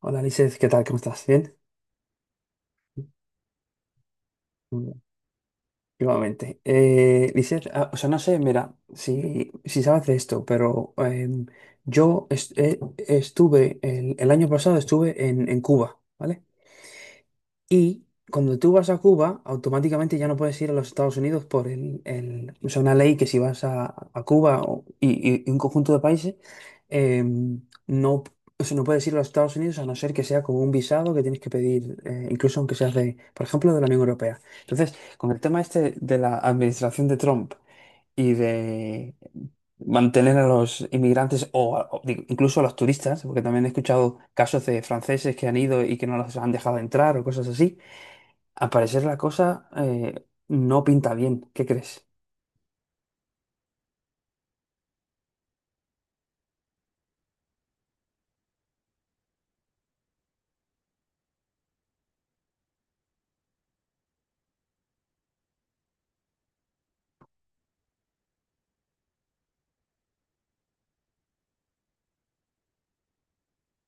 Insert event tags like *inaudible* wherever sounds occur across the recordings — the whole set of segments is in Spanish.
Hola, Lizeth, ¿qué tal? ¿Cómo estás? ¿Bien? Muy bien. Igualmente. Lizeth, o sea, no sé, mira, si sabes de esto, pero estuve, el año pasado estuve en Cuba, ¿vale? Y cuando tú vas a Cuba, automáticamente ya no puedes ir a los Estados Unidos por el, o sea, una ley que si vas a Cuba y un conjunto de países, eh, no, o sea, no puedes ir a los Estados Unidos a no ser que sea como un visado que tienes que pedir, incluso aunque seas de, por ejemplo, de la Unión Europea. Entonces, con el tema este de la administración de Trump y de mantener a los inmigrantes o, o digo, incluso a los turistas, porque también he escuchado casos de franceses que han ido y que no los han dejado entrar o cosas así. Al parecer la cosa no pinta bien, ¿qué crees?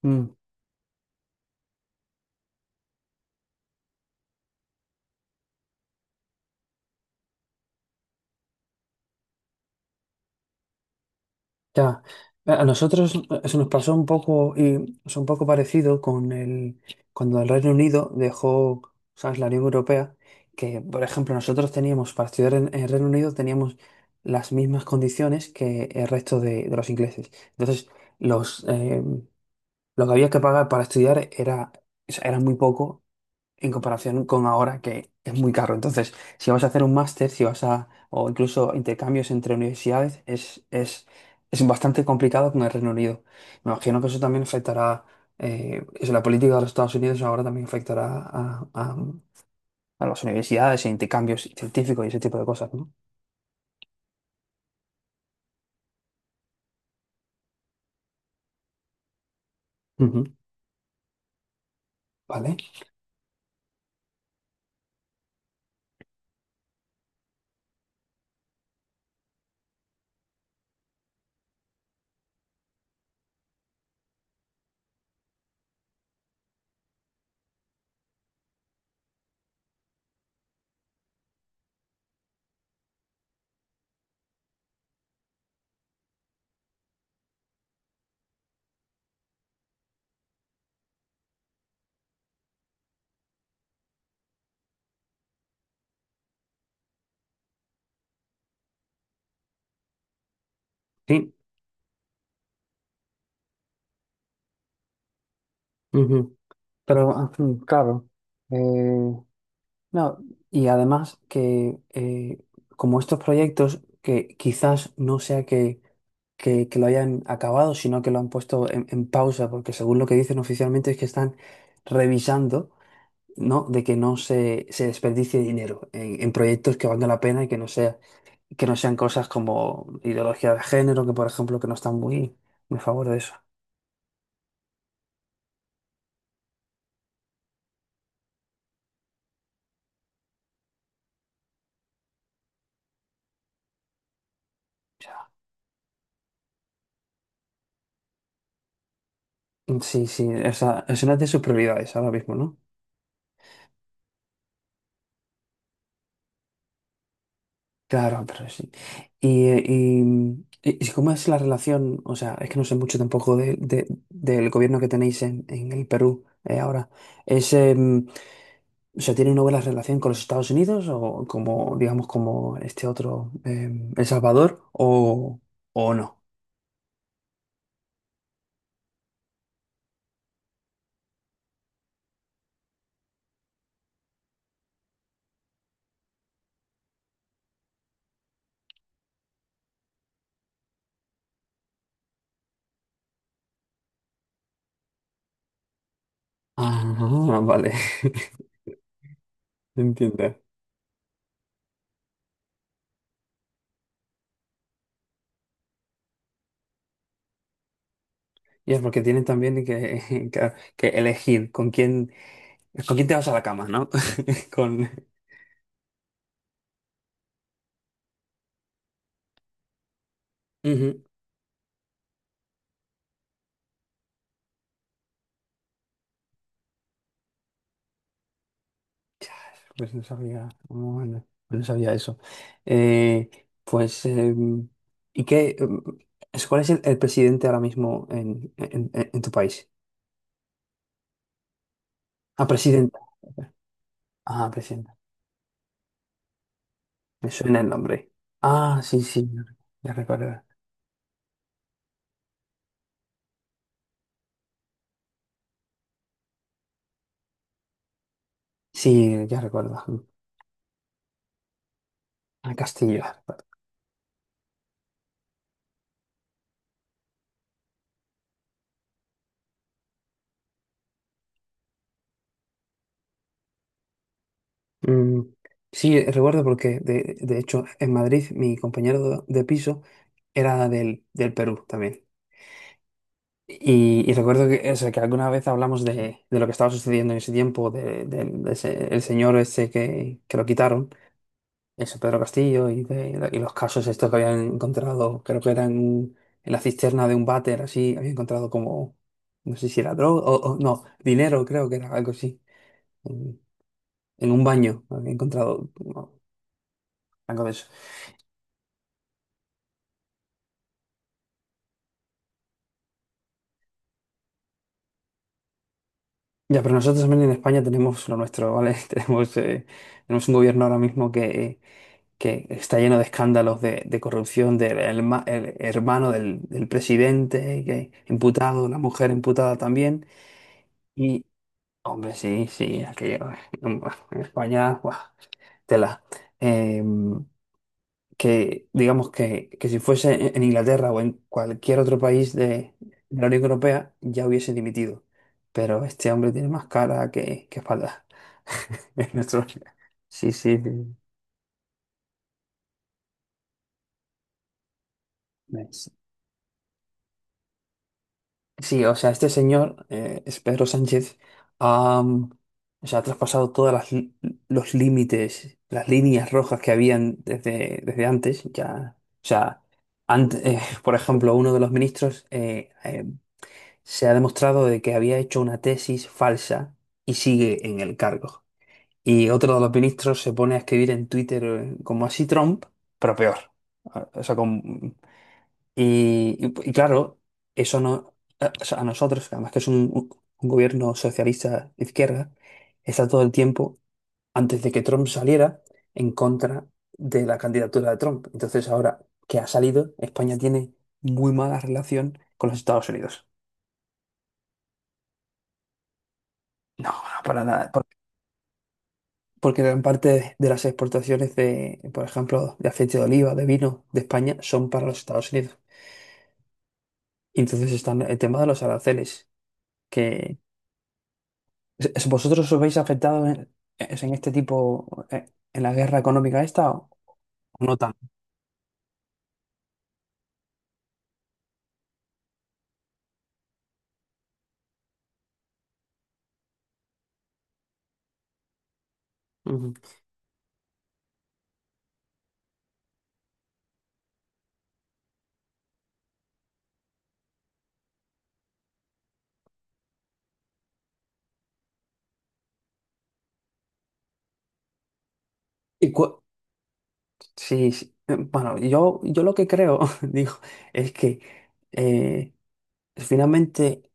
Mm, ya, a nosotros eso nos pasó un poco y es un poco parecido con el cuando el Reino Unido dejó, ¿sabes?, la Unión Europea, que por ejemplo nosotros teníamos para estudiar en, el Reino Unido teníamos las mismas condiciones que el resto de los ingleses. Entonces, los lo que había que pagar para estudiar era, o sea, era muy poco en comparación con ahora que es muy caro. Entonces, si vas a hacer un máster, si vas a, o incluso intercambios entre universidades, es bastante complicado con el Reino Unido. Me imagino que eso también afectará, eso, la política de los Estados Unidos ahora también afectará a las universidades e intercambios científicos y ese tipo de cosas, ¿no? Ujú. ¿Vale? Sí. Ujú. Pero, claro. No, y además que como estos proyectos que quizás no sea que lo hayan acabado, sino que lo han puesto en pausa, porque según lo que dicen oficialmente es que están revisando, ¿no? De que no se, se desperdicie dinero en proyectos que valgan la pena y que no sea, que no sean cosas como ideología de género, que por ejemplo que no están muy a favor de eso. O sea, sí, sí, esa, es una de sus prioridades ahora mismo, ¿no? Claro, pero sí. Y, y cómo es la relación? O sea, es que no sé mucho tampoco del gobierno que tenéis en el Perú ahora. ¿Es, o sea, tiene una buena relación con los Estados Unidos o como, digamos, como este otro, El Salvador o no? Ah, vale. *laughs* Entiendo. Y es porque tienen también que, *laughs* que elegir con quién te vas a la cama, ¿no? *laughs* Con... Ujú. Pues no sabía, no sabía eso. Eh, pues, ¿y qué? ¿Cuál es el presidente ahora mismo en, en tu país? Ah, presidenta. Ah, presidenta. Me suena el nombre. Ah, sí, sí, ya recuerdo. Sí, ya recuerdo. A Castillo. Mm, sí, recuerdo porque, de hecho, en Madrid mi compañero de piso era del, del Perú también. Y recuerdo que, o sea, que alguna vez hablamos de lo que estaba sucediendo en ese tiempo, de, el señor ese que lo quitaron, ese Pedro Castillo, y, de, y los casos estos que habían encontrado, creo que eran en la cisterna de un váter, así, habían encontrado como, no sé si era droga, o no, dinero, creo que era algo así, en, en un baño, había encontrado como algo de eso. Ya, pero nosotros también en España tenemos lo nuestro, ¿vale? *laughs* Tenemos, tenemos un gobierno ahora mismo que está lleno de escándalos de corrupción del el hermano del, del presidente, que imputado, la mujer imputada también. Y, hombre, sí, sí, aquello *laughs* en España, buah, tela. Eh, que digamos que si fuese en Inglaterra o en cualquier otro país de la Unión Europea, ya hubiese dimitido. Pero este hombre tiene más cara que espalda. *laughs* Es nuestro... Sí, sí, sí. Sí, o sea, este señor es Pedro Sánchez. Ha, o sea, ha traspasado todas las los límites, las líneas rojas que habían desde, desde antes. Ya, o sea, *laughs* por ejemplo, uno de los ministros se ha demostrado de que había hecho una tesis falsa y sigue en el cargo. Y otro de los ministros se pone a escribir en Twitter como así Trump, pero peor. O sea, con, y, y claro, eso no, a, o sea, a nosotros, además que es un gobierno socialista de izquierda, está todo el tiempo, antes de que Trump saliera, en contra de la candidatura de Trump. Entonces ahora que ha salido, España tiene muy mala relación con los Estados Unidos. No, no, para nada. Por... porque gran parte de las exportaciones de, por ejemplo, de aceite de oliva, de vino de España, son para los Estados Unidos. Y entonces están el tema de los aranceles. ¿Es... ¿Vosotros os veis afectados en, es en este tipo, en la guerra económica esta o no tanto? Ujú. Y sí, sí, bueno, yo lo que creo, *laughs* digo, es que eh, finalmente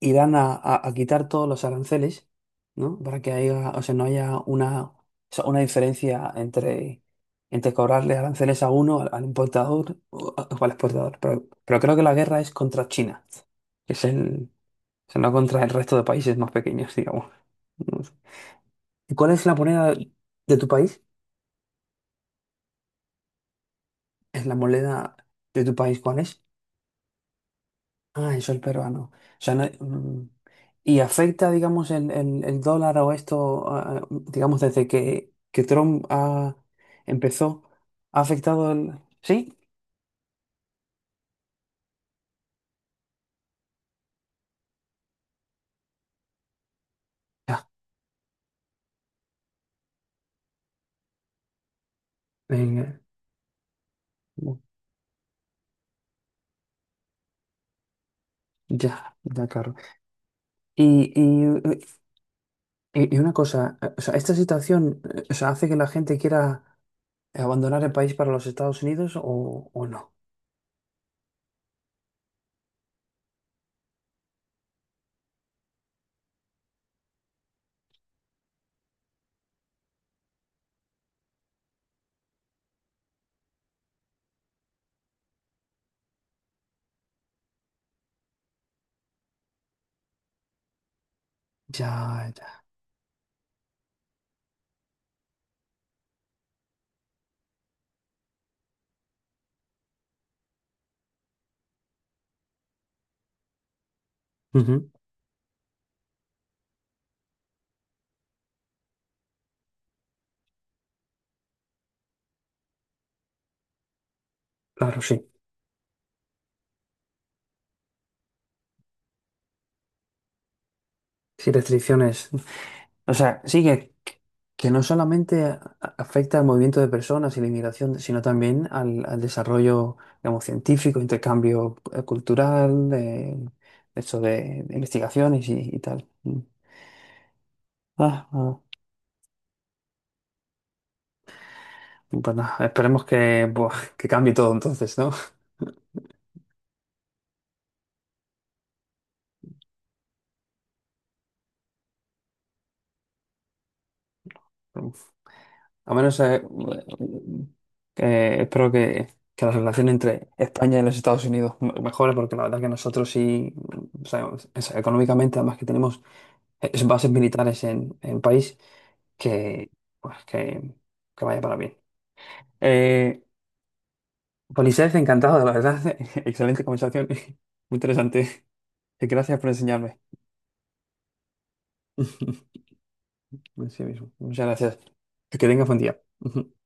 irán a, a quitar todos los aranceles, ¿no? Para que haya, o sea, no haya una, o sea, una diferencia entre, entre cobrarle aranceles a uno, al, al importador o, o al exportador. Pero creo que la guerra es contra China, que es el, o sea, no contra el resto de países más pequeños, digamos. ¿Y cuál es la moneda de tu país? ¿Es la moneda de tu país cuál es? Ah, el sol peruano. O sea, no... mm. ¿Y afecta, digamos, el dólar o esto, digamos, desde que Trump empezó? ¿Ha afectado el...? ¿Sí? Ya, venga. Ya, ya, claro. Y, y una cosa, o sea, esta situación, o sea, hace que la gente quiera abandonar el país para los Estados Unidos o no. Ya, ya. Ujú, claro, sí. Sí, restricciones. O sea, sí que no solamente afecta al movimiento de personas y la inmigración, sino también al, al desarrollo, digamos, científico, intercambio cultural, eso de investigaciones y tal. Mm. Ah, ah. Pues nada, esperemos que, buah, que cambie todo entonces, ¿no? *laughs* A menos que espero que la relación entre España y los Estados Unidos mejore, porque la verdad que nosotros sí, o sea, económicamente, además que tenemos bases militares en el país, que, pues, que vaya para bien. Eh, Polisés, encantado, la verdad. *laughs* Excelente conversación, *laughs* muy interesante. Gracias por enseñarme. *laughs* Sí mismo. Muchas gracias. Que tengas buen día. *laughs*